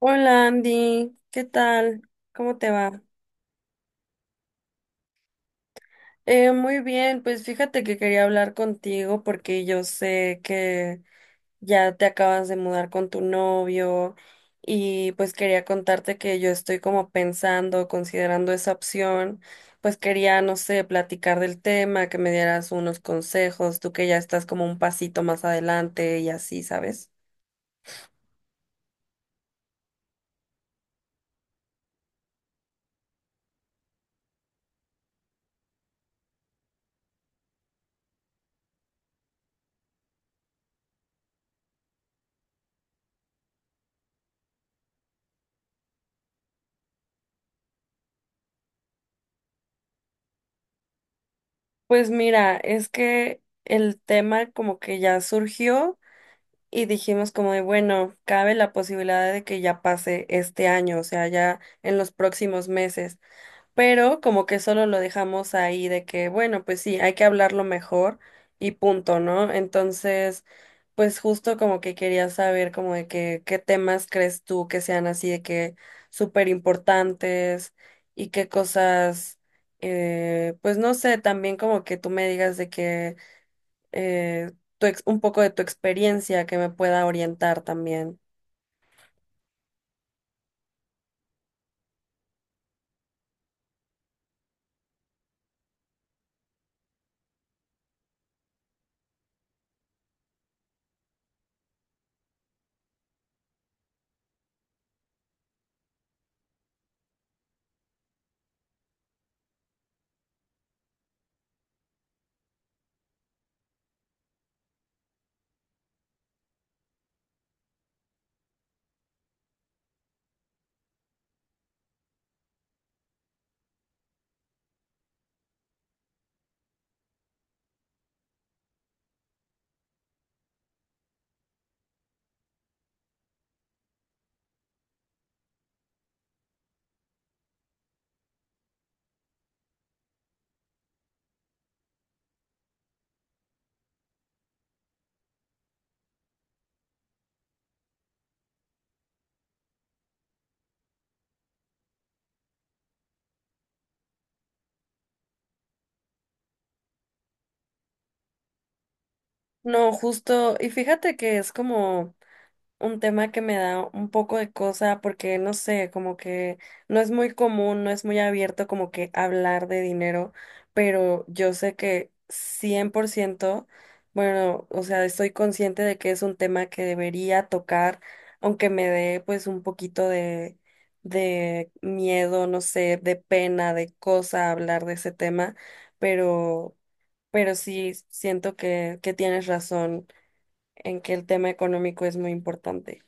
Hola Andy, ¿qué tal? ¿Cómo te va? Muy bien, pues fíjate que quería hablar contigo porque yo sé que ya te acabas de mudar con tu novio y pues quería contarte que yo estoy como pensando, considerando esa opción, pues quería, no sé, platicar del tema, que me dieras unos consejos, tú que ya estás como un pasito más adelante y así, ¿sabes? Pues mira, es que el tema como que ya surgió. Y dijimos como de, bueno, cabe la posibilidad de que ya pase este año, o sea, ya en los próximos meses, pero como que solo lo dejamos ahí de que, bueno, pues sí, hay que hablarlo mejor y punto, ¿no? Entonces, pues justo como que quería saber como de que, qué temas crees tú que sean así de que súper importantes y qué cosas, pues no sé, también como que tú me digas de que eh, un poco de tu experiencia que me pueda orientar también. No, justo, y fíjate que es como un tema que me da un poco de cosa porque no sé, como que no es muy común, no es muy abierto como que hablar de dinero, pero yo sé que 100%, bueno, o sea, estoy consciente de que es un tema que debería tocar, aunque me dé pues un poquito de miedo, no sé, de pena, de cosa hablar de ese tema, pero pero sí siento que tienes razón en que el tema económico es muy importante.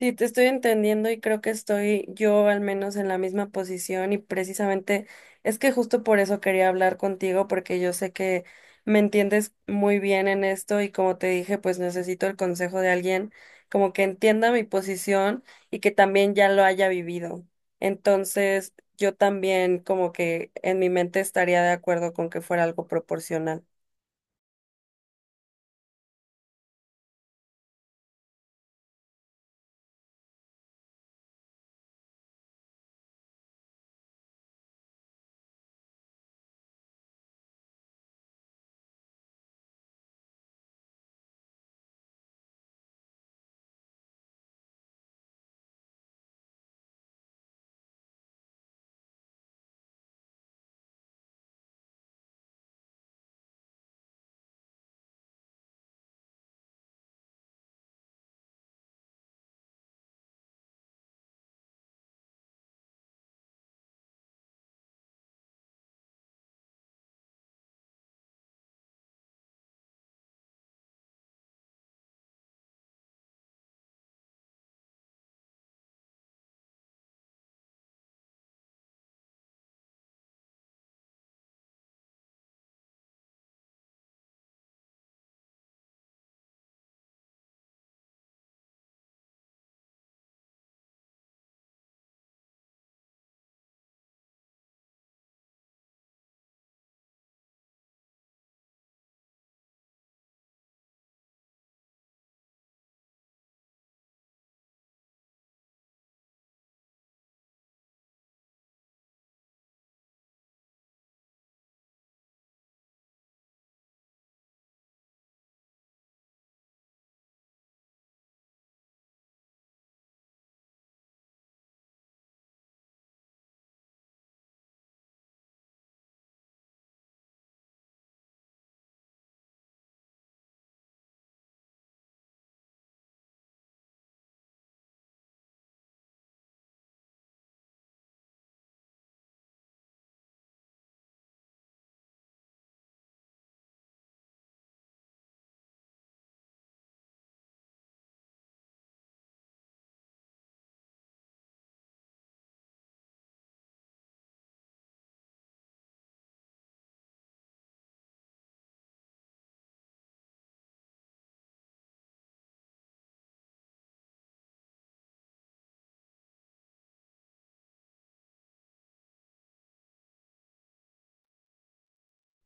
Sí, te estoy entendiendo y creo que estoy yo al menos en la misma posición y precisamente es que justo por eso quería hablar contigo porque yo sé que me entiendes muy bien en esto y como te dije, pues necesito el consejo de alguien como que entienda mi posición y que también ya lo haya vivido. Entonces, yo también como que en mi mente estaría de acuerdo con que fuera algo proporcional.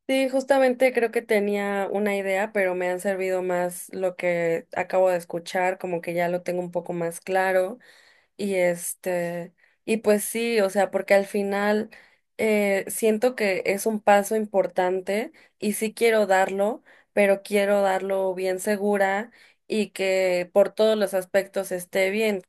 Sí, justamente creo que tenía una idea, pero me han servido más lo que acabo de escuchar, como que ya lo tengo un poco más claro. Y y pues sí, o sea, porque al final siento que es un paso importante y sí quiero darlo, pero quiero darlo bien segura y que por todos los aspectos esté bien,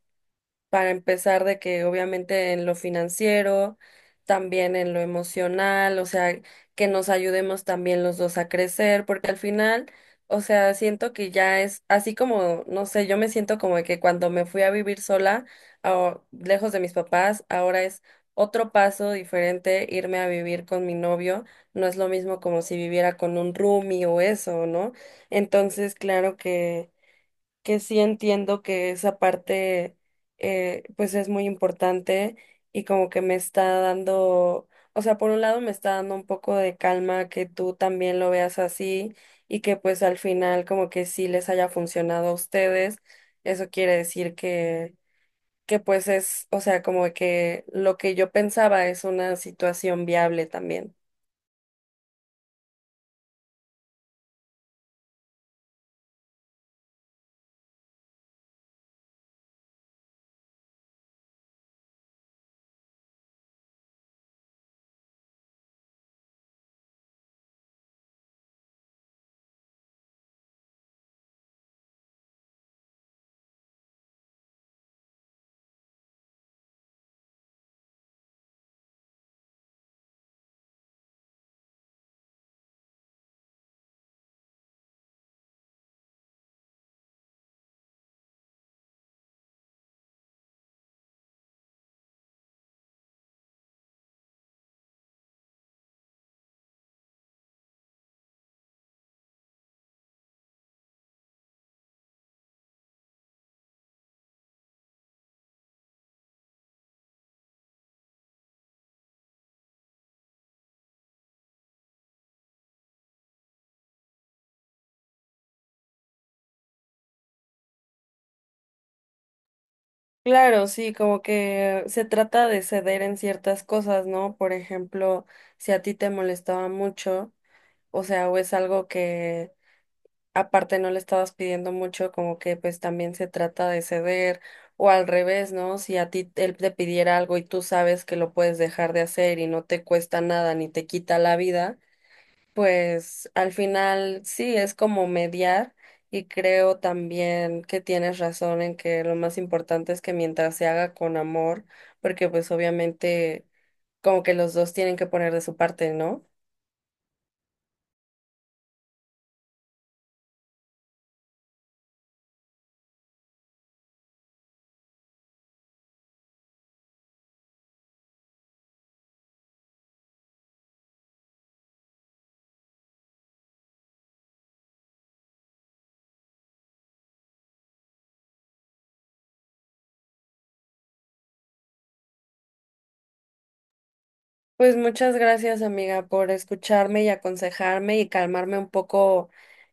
para empezar de que obviamente en lo financiero, también en lo emocional, o sea, que nos ayudemos también los dos a crecer, porque al final, o sea, siento que ya es así como, no sé, yo me siento como de que cuando me fui a vivir sola, lejos de mis papás, ahora es otro paso diferente irme a vivir con mi novio, no es lo mismo como si viviera con un roomie o eso, ¿no? Entonces, claro que sí entiendo que esa parte, pues es muy importante y como que me está dando, o sea, por un lado me está dando un poco de calma que tú también lo veas así y que pues al final como que sí les haya funcionado a ustedes, eso quiere decir que que es, o sea, como que lo que yo pensaba es una situación viable también. Claro, sí, como que se trata de ceder en ciertas cosas, ¿no? Por ejemplo, si a ti te molestaba mucho, o sea, o es algo que aparte no le estabas pidiendo mucho, como que pues también se trata de ceder, o al revés, ¿no? Si a ti él te pidiera algo y tú sabes que lo puedes dejar de hacer y no te cuesta nada ni te quita la vida, pues al final sí, es como mediar, y creo también que tienes razón en que lo más importante es que mientras se haga con amor, porque pues obviamente como que los dos tienen que poner de su parte, ¿no? Pues muchas gracias, amiga, por escucharme y aconsejarme y calmarme un poco,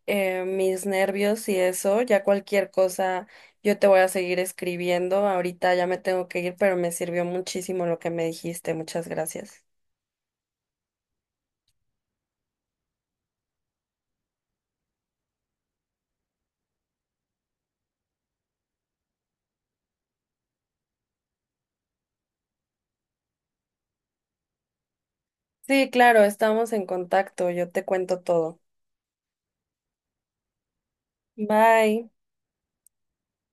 mis nervios y eso. Ya cualquier cosa, yo te voy a seguir escribiendo. Ahorita ya me tengo que ir, pero me sirvió muchísimo lo que me dijiste. Muchas gracias. Sí, claro, estamos en contacto, yo te cuento todo. Bye.